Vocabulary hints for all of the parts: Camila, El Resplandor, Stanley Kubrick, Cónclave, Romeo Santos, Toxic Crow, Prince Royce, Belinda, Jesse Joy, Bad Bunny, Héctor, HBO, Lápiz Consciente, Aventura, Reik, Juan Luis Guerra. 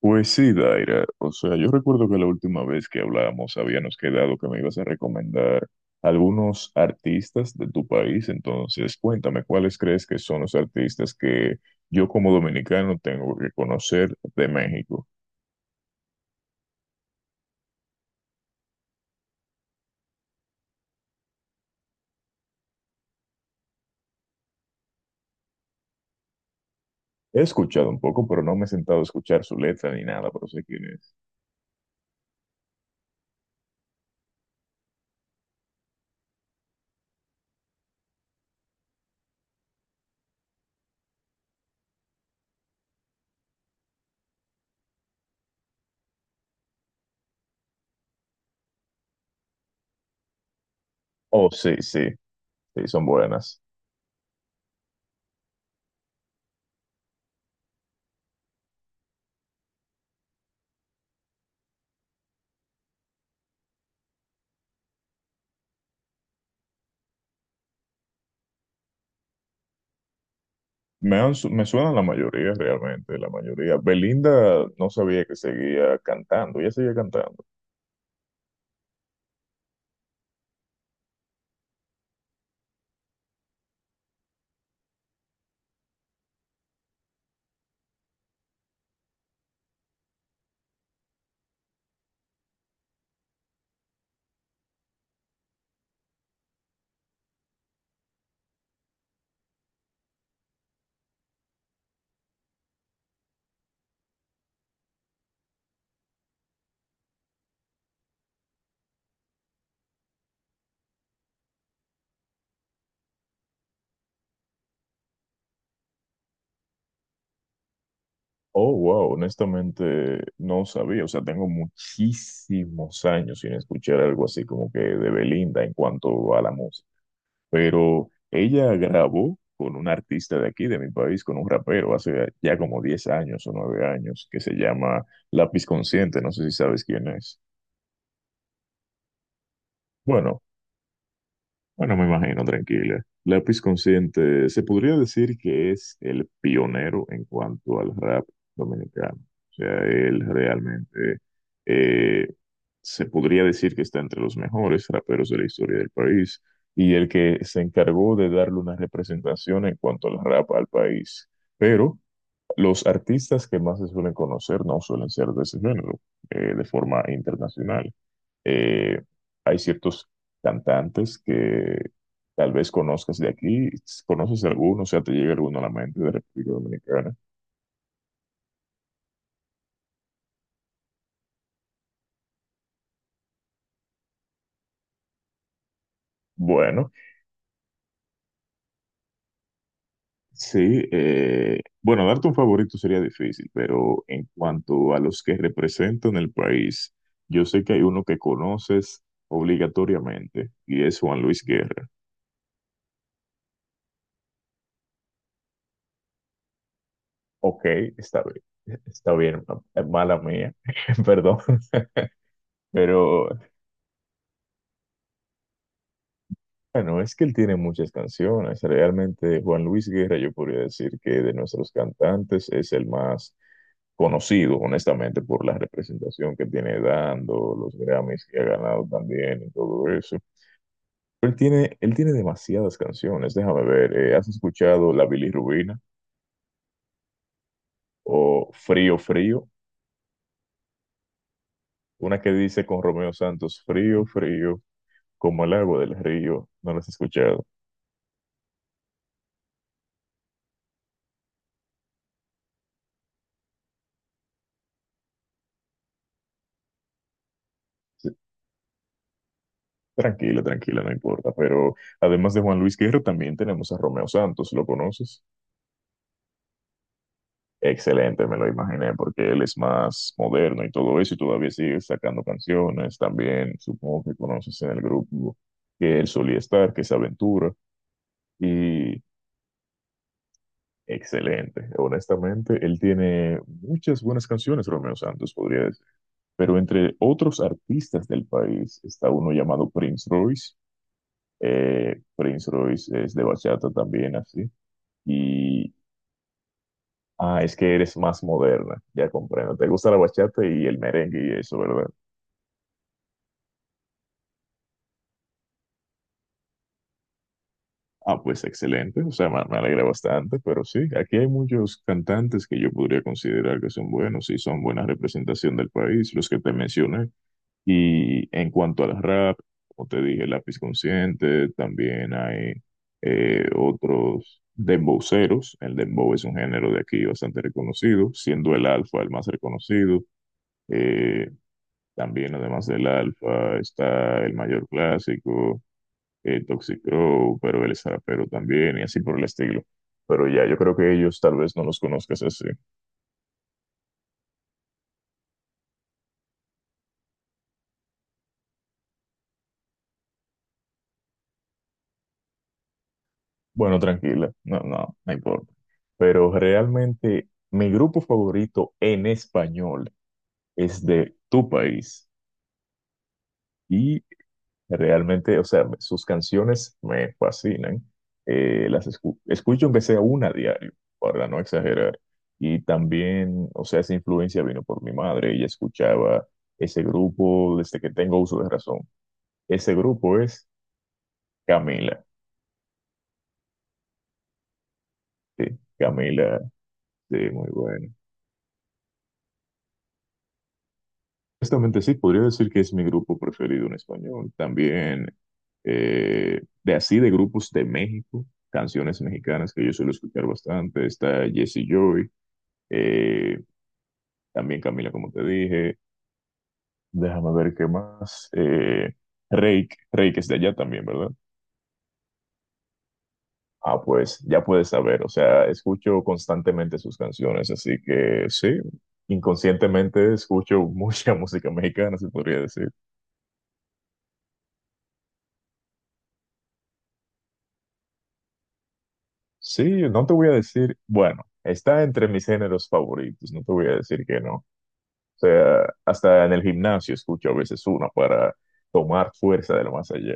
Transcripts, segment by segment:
Pues sí, Daira. O sea, yo recuerdo que la última vez que hablábamos habíamos quedado que me ibas a recomendar algunos artistas de tu país. Entonces, cuéntame, ¿cuáles crees que son los artistas que yo como dominicano tengo que conocer de México? He escuchado un poco, pero no me he sentado a escuchar su letra ni nada, pero sé quién es. Oh, sí, sí, sí, son buenas. Me suenan la mayoría, realmente, la mayoría. Belinda no sabía que seguía cantando, ya seguía cantando. Oh, wow, honestamente no sabía, o sea, tengo muchísimos años sin escuchar algo así como que de Belinda en cuanto a la música, pero ella grabó con un artista de aquí, de mi país, con un rapero, hace ya como 10 años o 9 años, que se llama Lápiz Consciente, no sé si sabes quién es. Bueno, Bueno, me imagino, tranquila. Lápiz Consciente se podría decir que es el pionero en cuanto al rap dominicano. O sea, él realmente eh, se podría decir que está entre los mejores raperos de la historia del país y el que se encargó de darle una representación en cuanto al rap al país. Pero los artistas que más se suelen conocer no suelen ser de ese género, de forma internacional. Eh, hay ciertos cantantes que tal vez conozcas de aquí, ¿conoces alguno? O sea, ¿te llega alguno a la mente de República Dominicana? Bueno, sí, bueno, darte un favorito sería difícil, pero en cuanto a los que representan el país, yo sé que hay uno que conoces obligatoriamente y es Juan Luis Guerra. Ok, está bien, mala mía, perdón, pero bueno, es que él tiene muchas canciones, realmente Juan Luis Guerra yo podría decir que de nuestros cantantes es el más conocido, honestamente, por la representación que tiene dando, los Grammys que ha ganado también y todo eso. Pero él tiene demasiadas canciones, déjame ver, ¿has escuchado La Bilirrubina o Frío Frío? Una que dice con Romeo Santos, frío, frío, como el agua del río, ¿no lo has escuchado? Sí, tranquila, tranquila, no importa. Pero además de Juan Luis Guerra, también tenemos a Romeo Santos, ¿lo conoces? Excelente, me lo imaginé, porque él es más moderno y todo eso, y todavía sigue sacando canciones. También supongo que conoces en el grupo que él solía estar, que es Aventura, y excelente. Honestamente, él tiene muchas buenas canciones, Romeo Santos, podría decir. Pero entre otros artistas del país está uno llamado Prince Royce. Prince Royce es de bachata también, así. Y, ah, es que eres más moderna, ya comprendo. Te gusta la bachata y el merengue y eso, ¿verdad? Ah, pues excelente, o sea, me alegra bastante, pero sí, aquí hay muchos cantantes que yo podría considerar que son buenos y son buena representación del país, los que te mencioné. Y en cuanto al rap, como te dije, Lápiz Consciente, también hay otros dembowceros. El dembow es un género de aquí bastante reconocido, siendo el alfa el más reconocido. Eh, también, además del alfa, está el mayor clásico, Toxic Crow, pero el es rapero también, y así por el estilo. Pero ya, yo creo que ellos tal vez no los conozcas así. Bueno, tranquila, no, no, no importa. Pero realmente mi grupo favorito en español es de Tu País y realmente, o sea, sus canciones me fascinan. Las escucho aunque sea una a diario, para no exagerar. Y también, o sea, esa influencia vino por mi madre. Ella escuchaba ese grupo desde que tengo uso de razón. Ese grupo es Camila. Sí, Camila, sí, muy bueno. Honestamente sí, podría decir que es mi grupo preferido en español. También de así de grupos de México, canciones mexicanas que yo suelo escuchar bastante. Está Jesse Joy, eh, también Camila, como te dije. Déjame ver qué más. Reik, Reik es de allá también, ¿verdad? Ah, pues ya puedes saber. O sea, escucho constantemente sus canciones, así que sí, inconscientemente escucho mucha música mexicana, se podría decir. Sí, no te voy a decir, bueno, está entre mis géneros favoritos, no te voy a decir que no. O sea, hasta en el gimnasio escucho a veces una para tomar fuerza de lo más allá.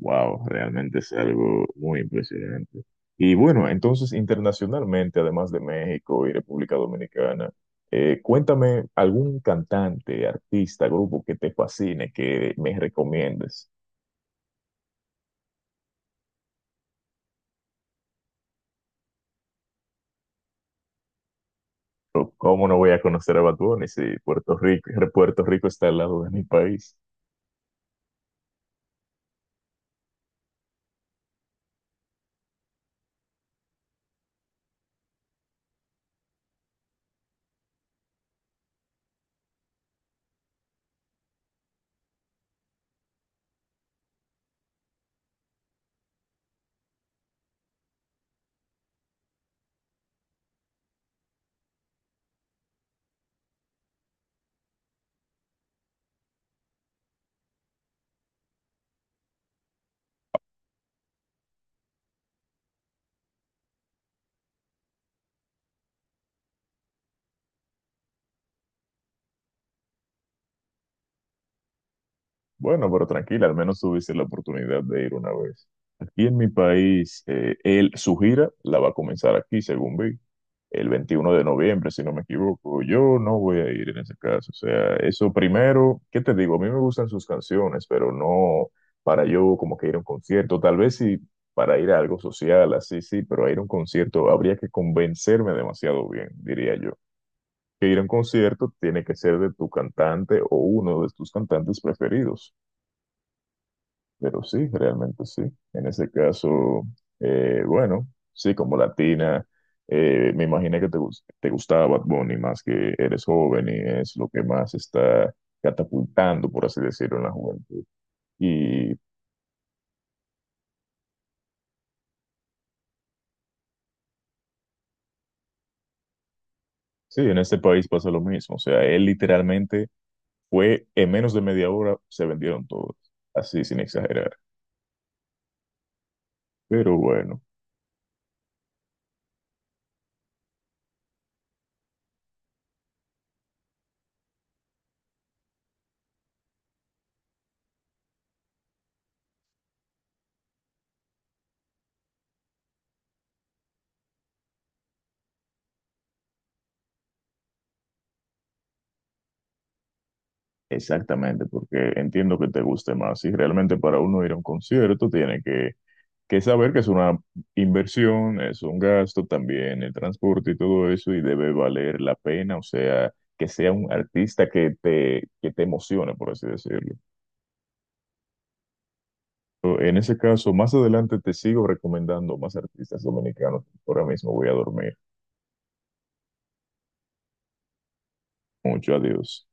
Wow, realmente es algo muy impresionante. Y bueno, entonces internacionalmente, además de México y República Dominicana, cuéntame algún cantante, artista, grupo que te fascine, que me recomiendes. Pero, ¿cómo no voy a conocer a Bad Bunny si Puerto Rico está al lado de mi país? Bueno, pero tranquila, al menos tuviste la oportunidad de ir una vez. Aquí en mi país, su gira la va a comenzar aquí, según vi, el 21 de noviembre, si no me equivoco. Yo no voy a ir en ese caso. O sea, eso primero, ¿qué te digo? A mí me gustan sus canciones, pero no para yo como que ir a un concierto. Tal vez sí para ir a algo social, así sí, pero a ir a un concierto habría que convencerme demasiado bien, diría yo. Que ir a un concierto tiene que ser de tu cantante o uno de tus cantantes preferidos. Pero sí, realmente sí. En ese caso, bueno, sí, como latina, me imaginé que te gustaba Bad Bunny más que eres joven y es lo que más está catapultando, por así decirlo, en la juventud. Y sí, en este país pasa lo mismo. O sea, él literalmente fue, en menos de media hora se vendieron todos, así sin exagerar. Pero bueno, exactamente, porque entiendo que te guste más. Y realmente para uno ir a un concierto tiene que saber que es una inversión, es un gasto también, el transporte y todo eso, y debe valer la pena, o sea, que sea un artista que que te emocione, por así decirlo. O, en ese caso, más adelante te sigo recomendando más artistas dominicanos. Ahora mismo voy a dormir. Mucho adiós.